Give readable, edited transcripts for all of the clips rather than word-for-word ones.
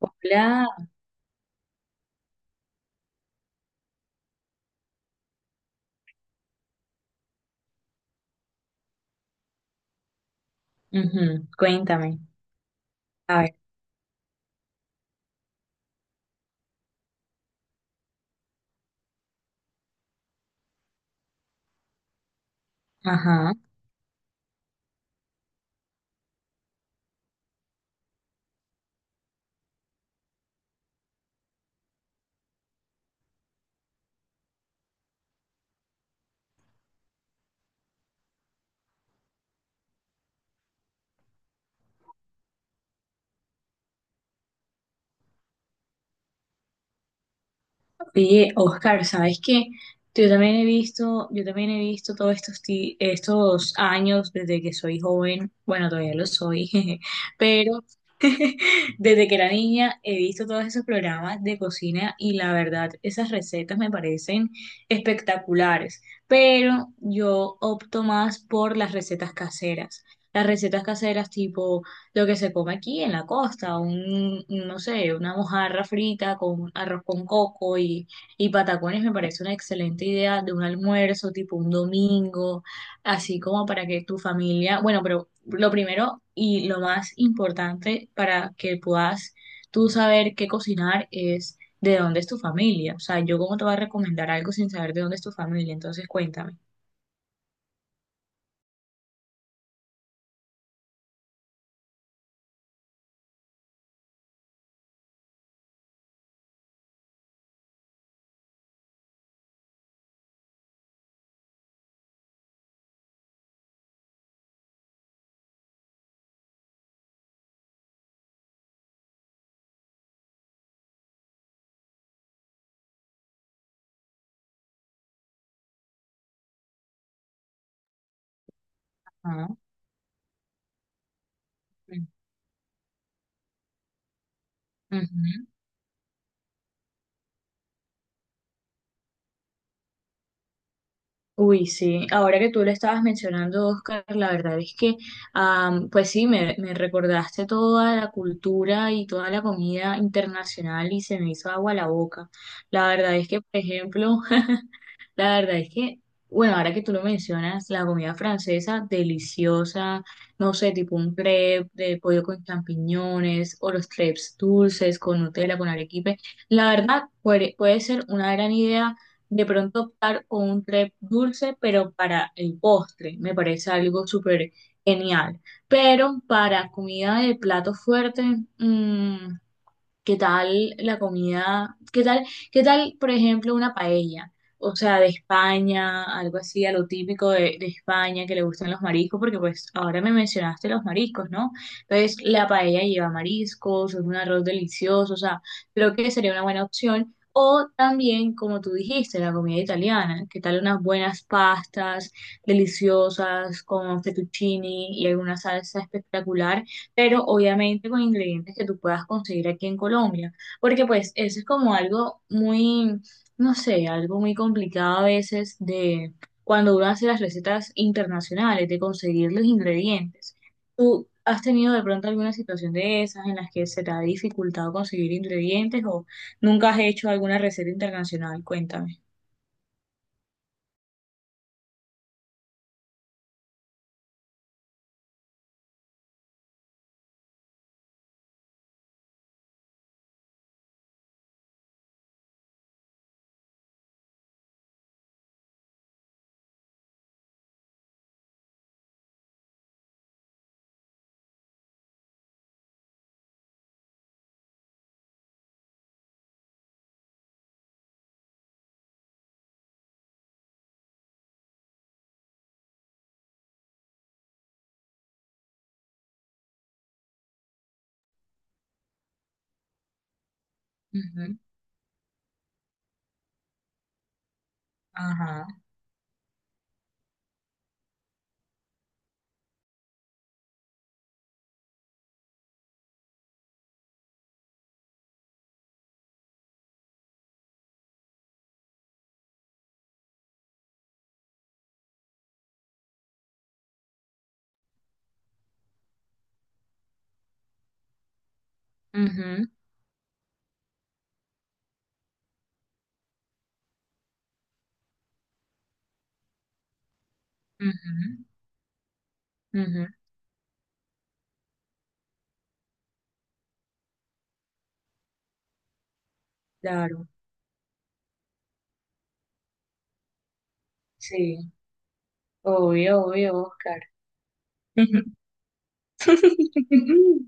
Hola, ujú, cuéntame. A ver, ajá. Oye, Oscar, ¿sabes qué? Yo también he visto todos estos años desde que soy joven, bueno, todavía lo soy, jeje, pero desde que era niña he visto todos esos programas de cocina, y la verdad, esas recetas me parecen espectaculares, pero yo opto más por las recetas caseras. Las recetas caseras tipo lo que se come aquí en la costa, un, no sé, una mojarra frita con arroz con coco y patacones me parece una excelente idea de un almuerzo tipo un domingo, así como para que tu familia, bueno, pero lo primero y lo más importante para que puedas tú saber qué cocinar es de dónde es tu familia. O sea, yo cómo te voy a recomendar algo sin saber de dónde es tu familia, entonces cuéntame. Ah, bueno. Ujú. Uy, sí, ahora que tú lo estabas mencionando, Oscar, la verdad es que, pues sí, me recordaste toda la cultura y toda la comida internacional, y se me hizo agua la boca. La verdad es que, por ejemplo, La verdad es que, bueno, ahora que tú lo mencionas, la comida francesa, deliciosa, no sé, tipo un crepe de pollo con champiñones, o los crepes dulces con Nutella, con arequipe. La verdad, puede ser una gran idea de pronto optar con un crepe dulce, pero para el postre, me parece algo súper genial. Pero para comida de plato fuerte, mm, ¿qué tal la comida? ¿Qué tal, por ejemplo, una paella? O sea, de España, algo así, a lo típico de, España, que le gustan los mariscos, porque pues ahora me mencionaste los mariscos, ¿no? Entonces, la paella lleva mariscos, es un arroz delicioso, o sea, creo que sería una buena opción. O también, como tú dijiste, la comida italiana. ¿Qué tal unas buenas pastas deliciosas con fettuccini y alguna salsa espectacular? Pero obviamente con ingredientes que tú puedas conseguir aquí en Colombia, porque pues eso es como algo muy, no sé, algo muy complicado a veces de cuando uno hace las recetas internacionales, de conseguir los ingredientes. ¿Tú has tenido de pronto alguna situación de esas en las que se te ha dificultado conseguir ingredientes, o nunca has hecho alguna receta internacional? Cuéntame. Ujú. Ajá. Ujú, ujú, ujú. Claro. Sí. Obvio, obvio, Oscar.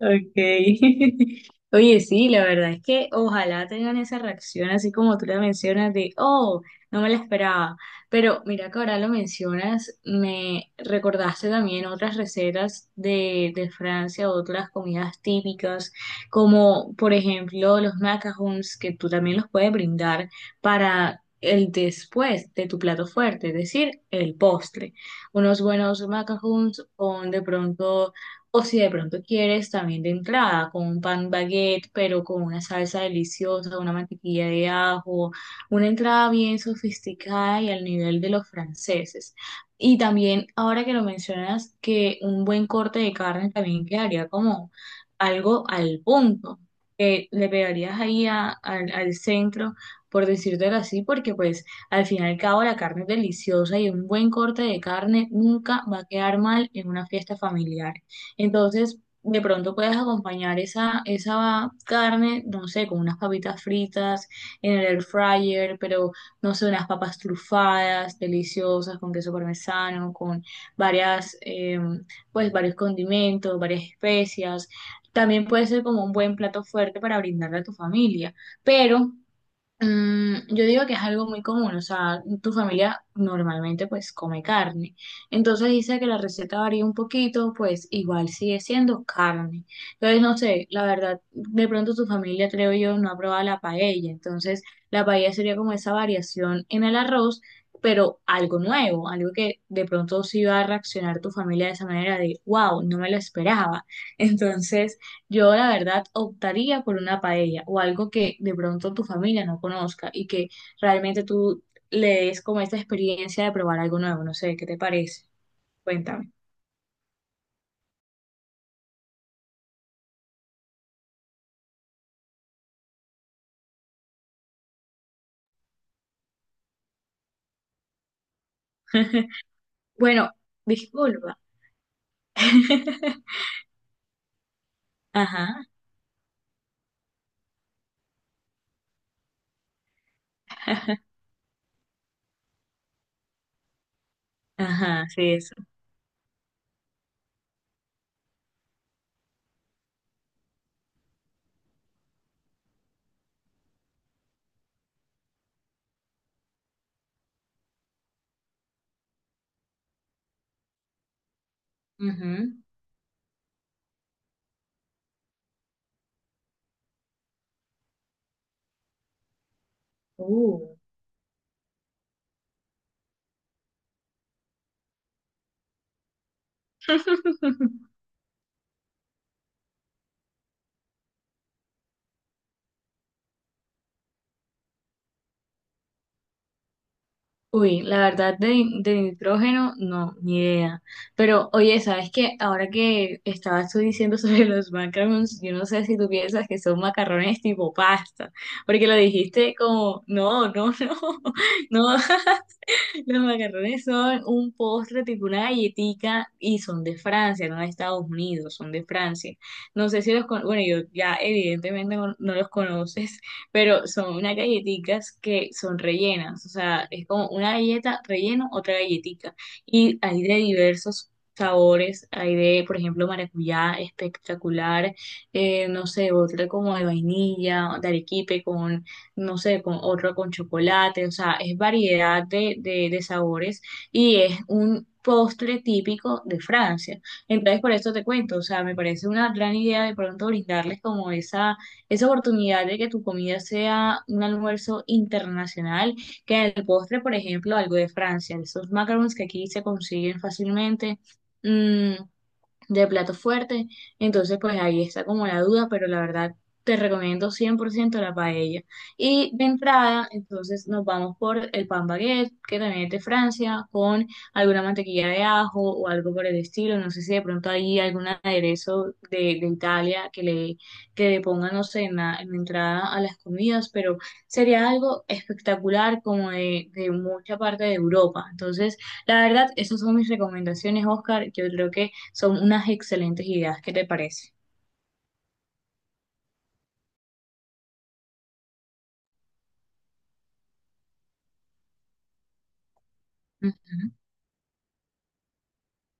Okay. Oye, sí, la verdad es que ojalá tengan esa reacción así como tú la mencionas de, oh, no me la esperaba. Pero mira que ahora lo mencionas, me recordaste también otras recetas de Francia, otras comidas típicas, como por ejemplo los macarons, que tú también los puedes brindar para el después de tu plato fuerte, es decir, el postre. Unos buenos macarons con de pronto, o si de pronto quieres también de entrada, con un pan baguette, pero con una salsa deliciosa, una mantequilla de ajo, una entrada bien sofisticada y al nivel de los franceses. Y también, ahora que lo mencionas, que un buen corte de carne también quedaría como algo al punto, que le pegarías ahí al centro, por decírtelo así, porque pues al fin y al cabo la carne es deliciosa y un buen corte de carne nunca va a quedar mal en una fiesta familiar. Entonces, de pronto puedes acompañar esa carne, no sé, con unas papitas fritas en el air fryer, pero no sé, unas papas trufadas, deliciosas, con queso parmesano, con varias, pues varios condimentos, varias especias. También puede ser como un buen plato fuerte para brindarle a tu familia, pero yo digo que es algo muy común, o sea, tu familia normalmente pues come carne, entonces dice que la receta varía un poquito, pues igual sigue siendo carne. Entonces, no sé, la verdad, de pronto tu familia, creo yo, no ha probado la paella, entonces la paella sería como esa variación en el arroz, pero algo nuevo, algo que de pronto sí va a reaccionar tu familia de esa manera de, wow, no me lo esperaba. Entonces... Yo la verdad optaría por una paella, o algo que de pronto tu familia no conozca y que realmente tú le des como esta experiencia de probar algo nuevo. No sé, ¿qué te parece? Cuéntame. Bueno, disculpa. Ajá, ajá, sí, eso. Ujú. Uh. Uy, la verdad de, nitrógeno, no, ni idea. Pero oye, ¿sabes qué? Ahora que estabas tú diciendo sobre los macarons, yo no sé si tú piensas que son macarrones tipo pasta, porque lo dijiste como, no, no, no, no. Los macarrones son un postre tipo una galletica y son de Francia, no de Estados Unidos, son de Francia. No sé si los con, bueno, yo ya evidentemente no no los conoces, pero son unas galletitas que son rellenas, o sea, es como una galleta relleno, otra galletica, y hay de diversos sabores, hay de, por ejemplo, maracuyá espectacular, no sé, otra como de vainilla, de arequipe con, no sé, con otro con chocolate, o sea, es variedad de, de sabores, y es un postre típico de Francia. Entonces, por eso te cuento, o sea, me parece una gran idea de pronto brindarles como esa oportunidad de que tu comida sea un almuerzo internacional, que en el postre, por ejemplo, algo de Francia, esos macarons que aquí se consiguen fácilmente. mm, de plato fuerte. Entonces, pues ahí está como la duda, pero la verdad te recomiendo 100% la paella. Y de entrada, entonces nos vamos por el pan baguette, que también es de Francia, con alguna mantequilla de ajo o algo por el estilo. No sé si de pronto hay algún aderezo de, Italia que le pongan, no sé, en la entrada a las comidas, pero sería algo espectacular como de mucha parte de Europa. Entonces, la verdad, esas son mis recomendaciones, Oscar. Yo creo que son unas excelentes ideas, ¿qué te parece? Ujú.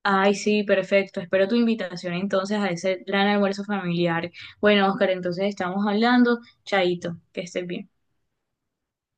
Ay, sí, perfecto. Espero tu invitación entonces a ese gran almuerzo familiar. Bueno, Oscar, entonces estamos hablando. Chaito, que estés bien.